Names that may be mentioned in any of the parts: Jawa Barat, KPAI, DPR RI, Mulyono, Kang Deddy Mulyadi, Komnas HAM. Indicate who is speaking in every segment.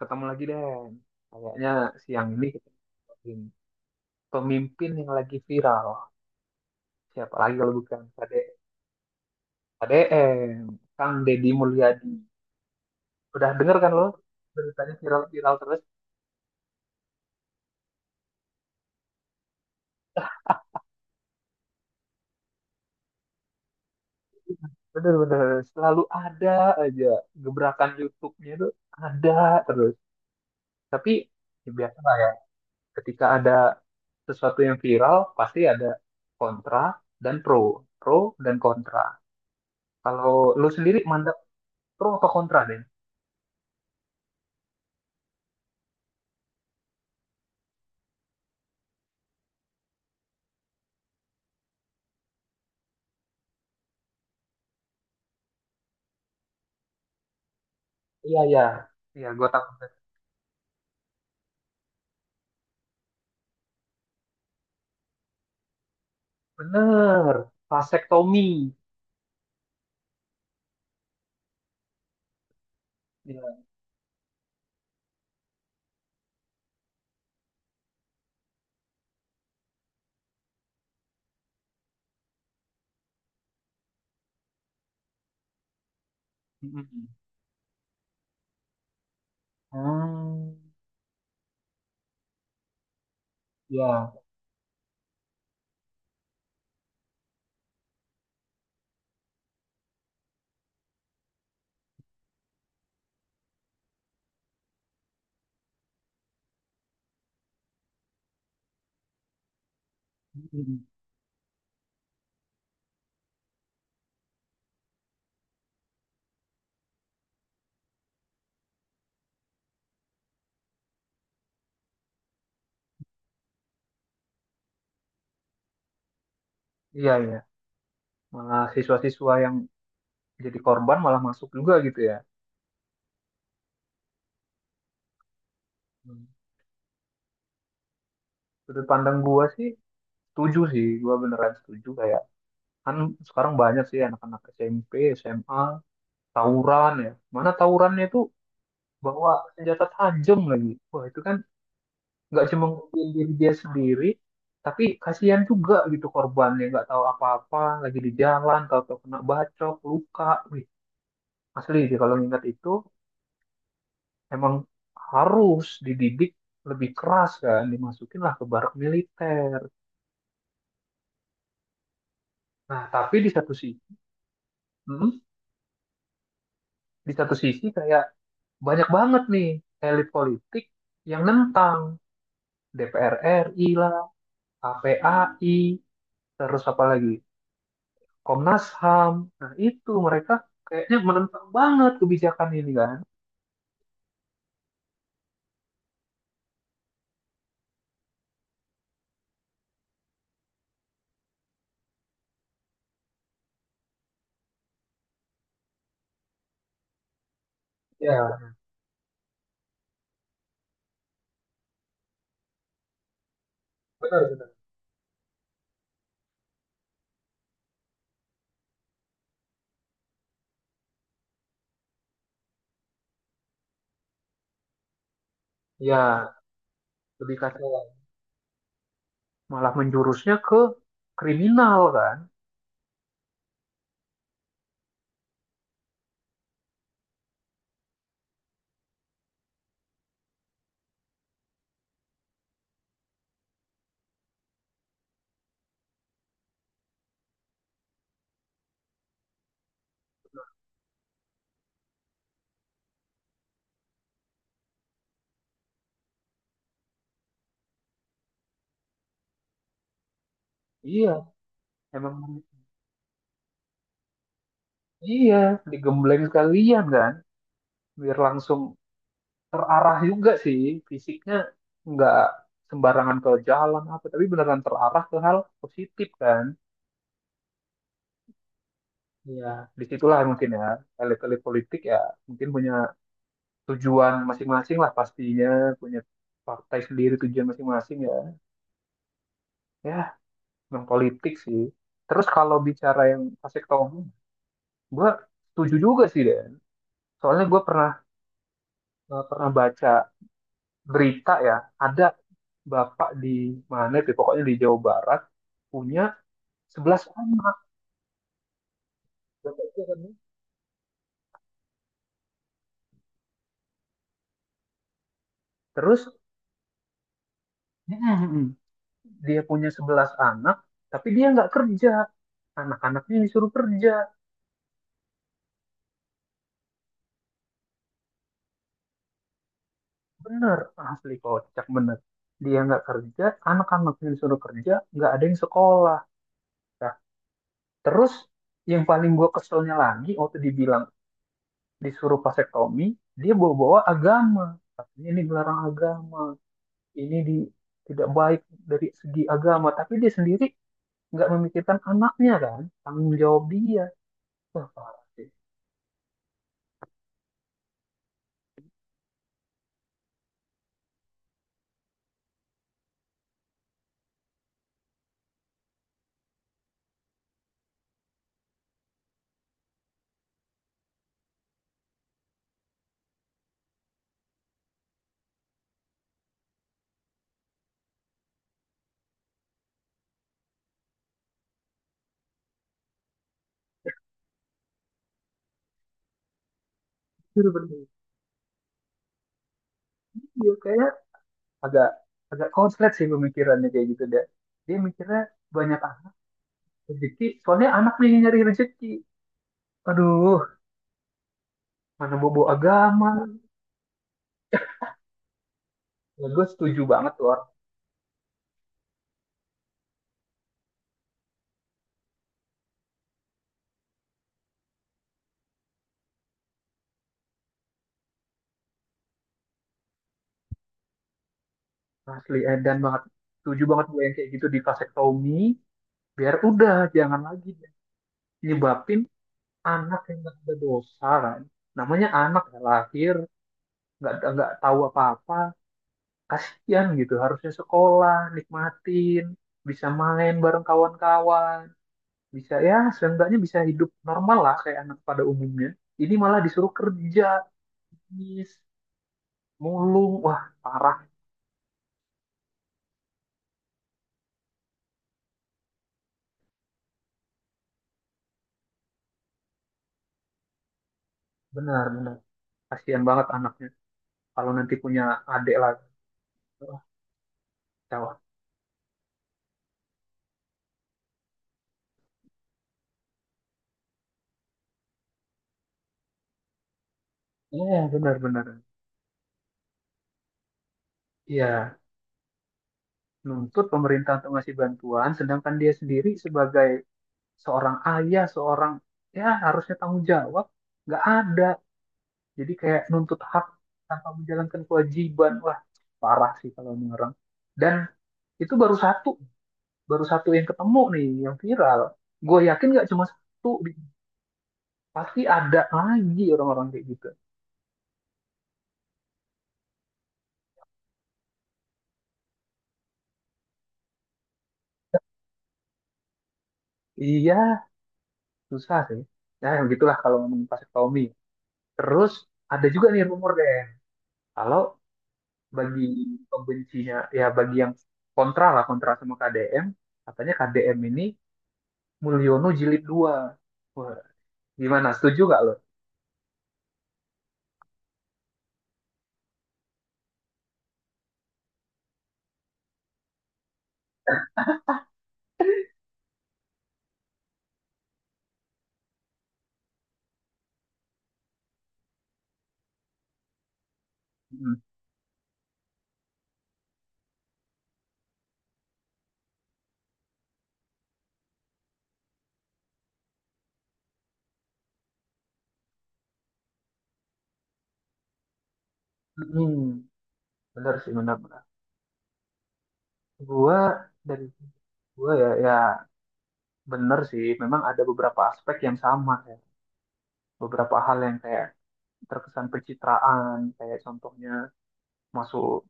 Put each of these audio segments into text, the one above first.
Speaker 1: Ketemu lagi deh. Kayaknya siang ini kita ngobrolin pemimpin yang lagi viral. Siapa lagi kalau bukan KD, KDM, Kang Deddy Mulyadi. Udah denger kan lo? Beritanya viral-viral terus. Bener-bener selalu ada aja gebrakan YouTube-nya itu ada terus. Tapi ya biasa lah ya. Ketika ada sesuatu yang viral, pasti ada kontra dan pro, pro dan kontra. Kalau lu sendiri mandang pro apa kontra deh? Iya, iya. Iya, gue tahu. Bener. Vasektomi. Iya. Mm-mm. Hmm. Ya. Mm-mm. Iya, iya. Malah siswa-siswa yang jadi korban malah masuk juga gitu ya. Hmm. Sudut pandang gue sih setuju sih. Gue beneran setuju kayak. Kan sekarang banyak sih anak-anak SMP, SMA, tawuran ya. Mana tawurannya itu bawa senjata tajam lagi. Wah, itu kan nggak cuma ngurusin diri dia sendiri, tapi kasihan juga gitu korbannya nggak tahu apa-apa, lagi di jalan tahu-tahu kena bacok luka. Wih, asli sih kalau ngingat itu emang harus dididik lebih keras kan, dimasukin lah ke barak militer. Nah, tapi di satu sisi, hmm, di satu sisi kayak banyak banget nih elit politik yang nentang, DPR RI lah, KPAI, terus apa lagi, Komnas HAM. Nah, itu mereka kayaknya menentang banget kebijakan ini kan. Ya, benar benar. Ya, lebih kacau. Benar. Malah menjurusnya ke kriminal kan. Iya, emang iya, digembleng sekalian kan. Biar langsung terarah juga sih fisiknya, nggak sembarangan ke jalan apa, tapi beneran terarah ke hal positif kan. Iya. Disitulah mungkin ya elit-elit politik ya mungkin punya tujuan masing-masing lah pastinya, punya partai sendiri tujuan masing-masing ya, ya memang politik sih. Terus kalau bicara yang Pak Sekto ngomong, gue setuju juga sih Dan, soalnya gue pernah pernah baca berita ya, ada bapak di mana tuh pokoknya di Jawa Barat, punya 11 anak. Bapak itu kan, ya. Terus, mm-mm, dia punya 11 anak tapi dia nggak kerja, anak-anaknya disuruh kerja. Bener, asli kocak bener. Dia nggak kerja, anak-anaknya disuruh kerja, nggak ada yang sekolah. Nah, terus yang paling gue keselnya lagi waktu dibilang disuruh vasektomi, dia bawa-bawa agama. Katanya ini dilarang agama, ini tidak baik dari segi agama. Tapi dia sendiri nggak memikirkan anaknya kan, tanggung jawab dia. Wah, parah sih. Itu bener. Dia kayak agak agak konslet sih pemikirannya kayak gitu deh. Dia mikirnya banyak rezeki soalnya anak nih yang nyari rezeki, aduh, mana bobo agama. Ya, gue setuju banget loh. Asli edan banget, setuju banget gue yang kayak gitu di vasektomi biar udah jangan lagi nyebabin anak yang nggak ada dosa kan. Namanya anak ya, lahir nggak tahu apa-apa, kasian gitu, harusnya sekolah nikmatin, bisa main bareng kawan-kawan, bisa ya seenggaknya bisa hidup normal lah kayak anak pada umumnya. Ini malah disuruh kerja, bisnis, mulung. Wah, parah. Benar benar, kasihan banget anaknya kalau nanti punya adik lagi. Wah, kacau. Iya, benar benar. Iya, nuntut pemerintah untuk ngasih bantuan sedangkan dia sendiri sebagai seorang ayah, seorang, ya harusnya tanggung jawab, nggak ada. Jadi kayak nuntut hak tanpa menjalankan kewajiban. Wah, parah sih kalau ini orang. Dan itu baru satu, baru satu yang ketemu nih yang viral. Gue yakin nggak cuma satu, pasti ada lagi orang-orang kayak gitu. Iya, susah sih. Nah, begitulah kalau ngomongin vasektomi. Terus ada juga nih rumor deh, kalau bagi pembencinya, ya bagi yang kontra lah, kontra sama KDM, katanya KDM ini Mulyono jilid 2. Wah, gimana? Setuju gak lo? Hmm. Hmm, bener sih, bener, bener. Gua, dari gua ya, ya bener sih. Memang ada beberapa aspek yang sama ya. Beberapa hal yang kayak terkesan pencitraan, kayak contohnya masuk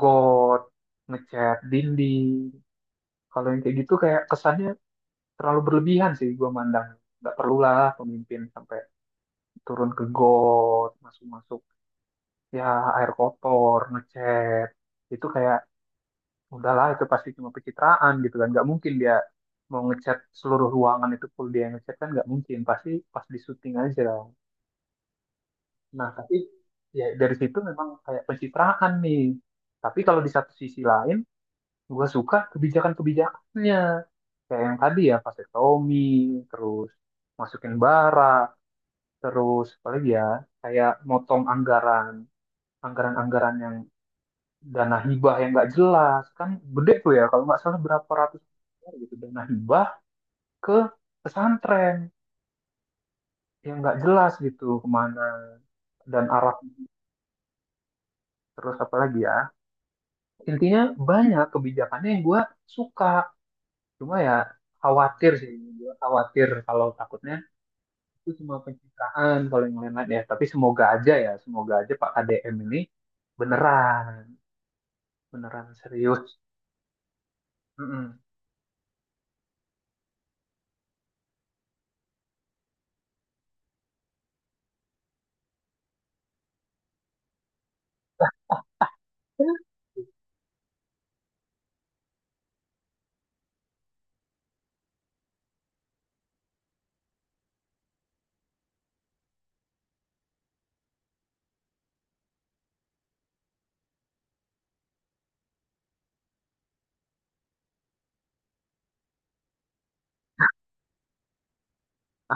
Speaker 1: got, ngecat dinding. Kalau yang kayak gitu kayak kesannya terlalu berlebihan sih gua mandang. Nggak perlulah pemimpin sampai turun ke got, masuk-masuk ya air kotor, ngecat. Itu kayak, udahlah itu pasti cuma pencitraan gitu kan. Nggak mungkin dia mau ngecat seluruh ruangan itu full dia yang ngecat kan, nggak mungkin. Pasti pas di syuting aja. Nah, tapi ya dari situ memang kayak pencitraan nih. Tapi kalau di satu sisi lain, gue suka kebijakan-kebijakannya kayak yang tadi ya vasektomi, terus masukin bara, terus apalagi ya, kayak motong anggaran, anggaran-anggaran yang dana hibah yang nggak jelas kan, gede tuh ya kalau nggak salah berapa ratus miliar gitu dana hibah ke pesantren yang nggak jelas gitu kemana dan arah. Terus apalagi ya, intinya banyak kebijakannya yang gue suka, cuma ya khawatir sih, gue khawatir kalau takutnya itu cuma pencitraan kalau yang lain-lain ya, tapi semoga aja ya, semoga aja Pak KDM ini beneran beneran serius. Mm-mm.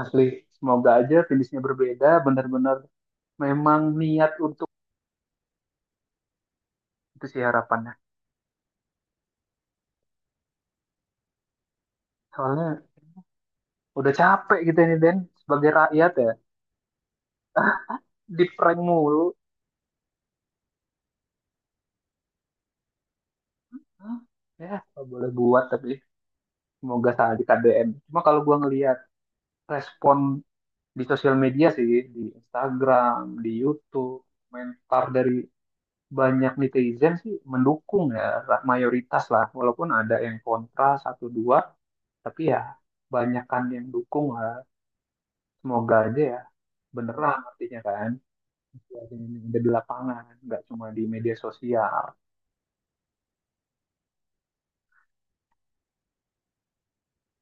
Speaker 1: Asli, semoga aja finishnya berbeda, bener-bener memang niat untuk itu sih harapannya. Soalnya udah capek gitu ini Den sebagai rakyat ya, di prank mulu. Hah? Ya nggak boleh buat, tapi semoga salah di KDM. Cuma kalau gua ngelihat respon di sosial media sih, di Instagram, di YouTube, komentar dari banyak netizen sih mendukung ya, mayoritas lah, walaupun ada yang kontra satu dua, tapi ya banyakan yang dukung lah. Semoga aja ya beneran, artinya kan situasi ini ada di lapangan nggak cuma di media sosial.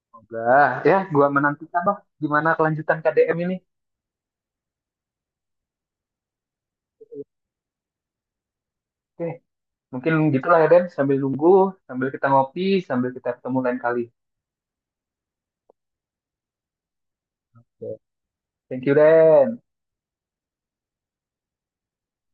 Speaker 1: Semoga ya, gua menantikan lah gimana kelanjutan KDM ini. Oke, mungkin gitulah ya Den, sambil nunggu, sambil kita ngopi, sambil kita ketemu lain kali. Oke. Thank you Den.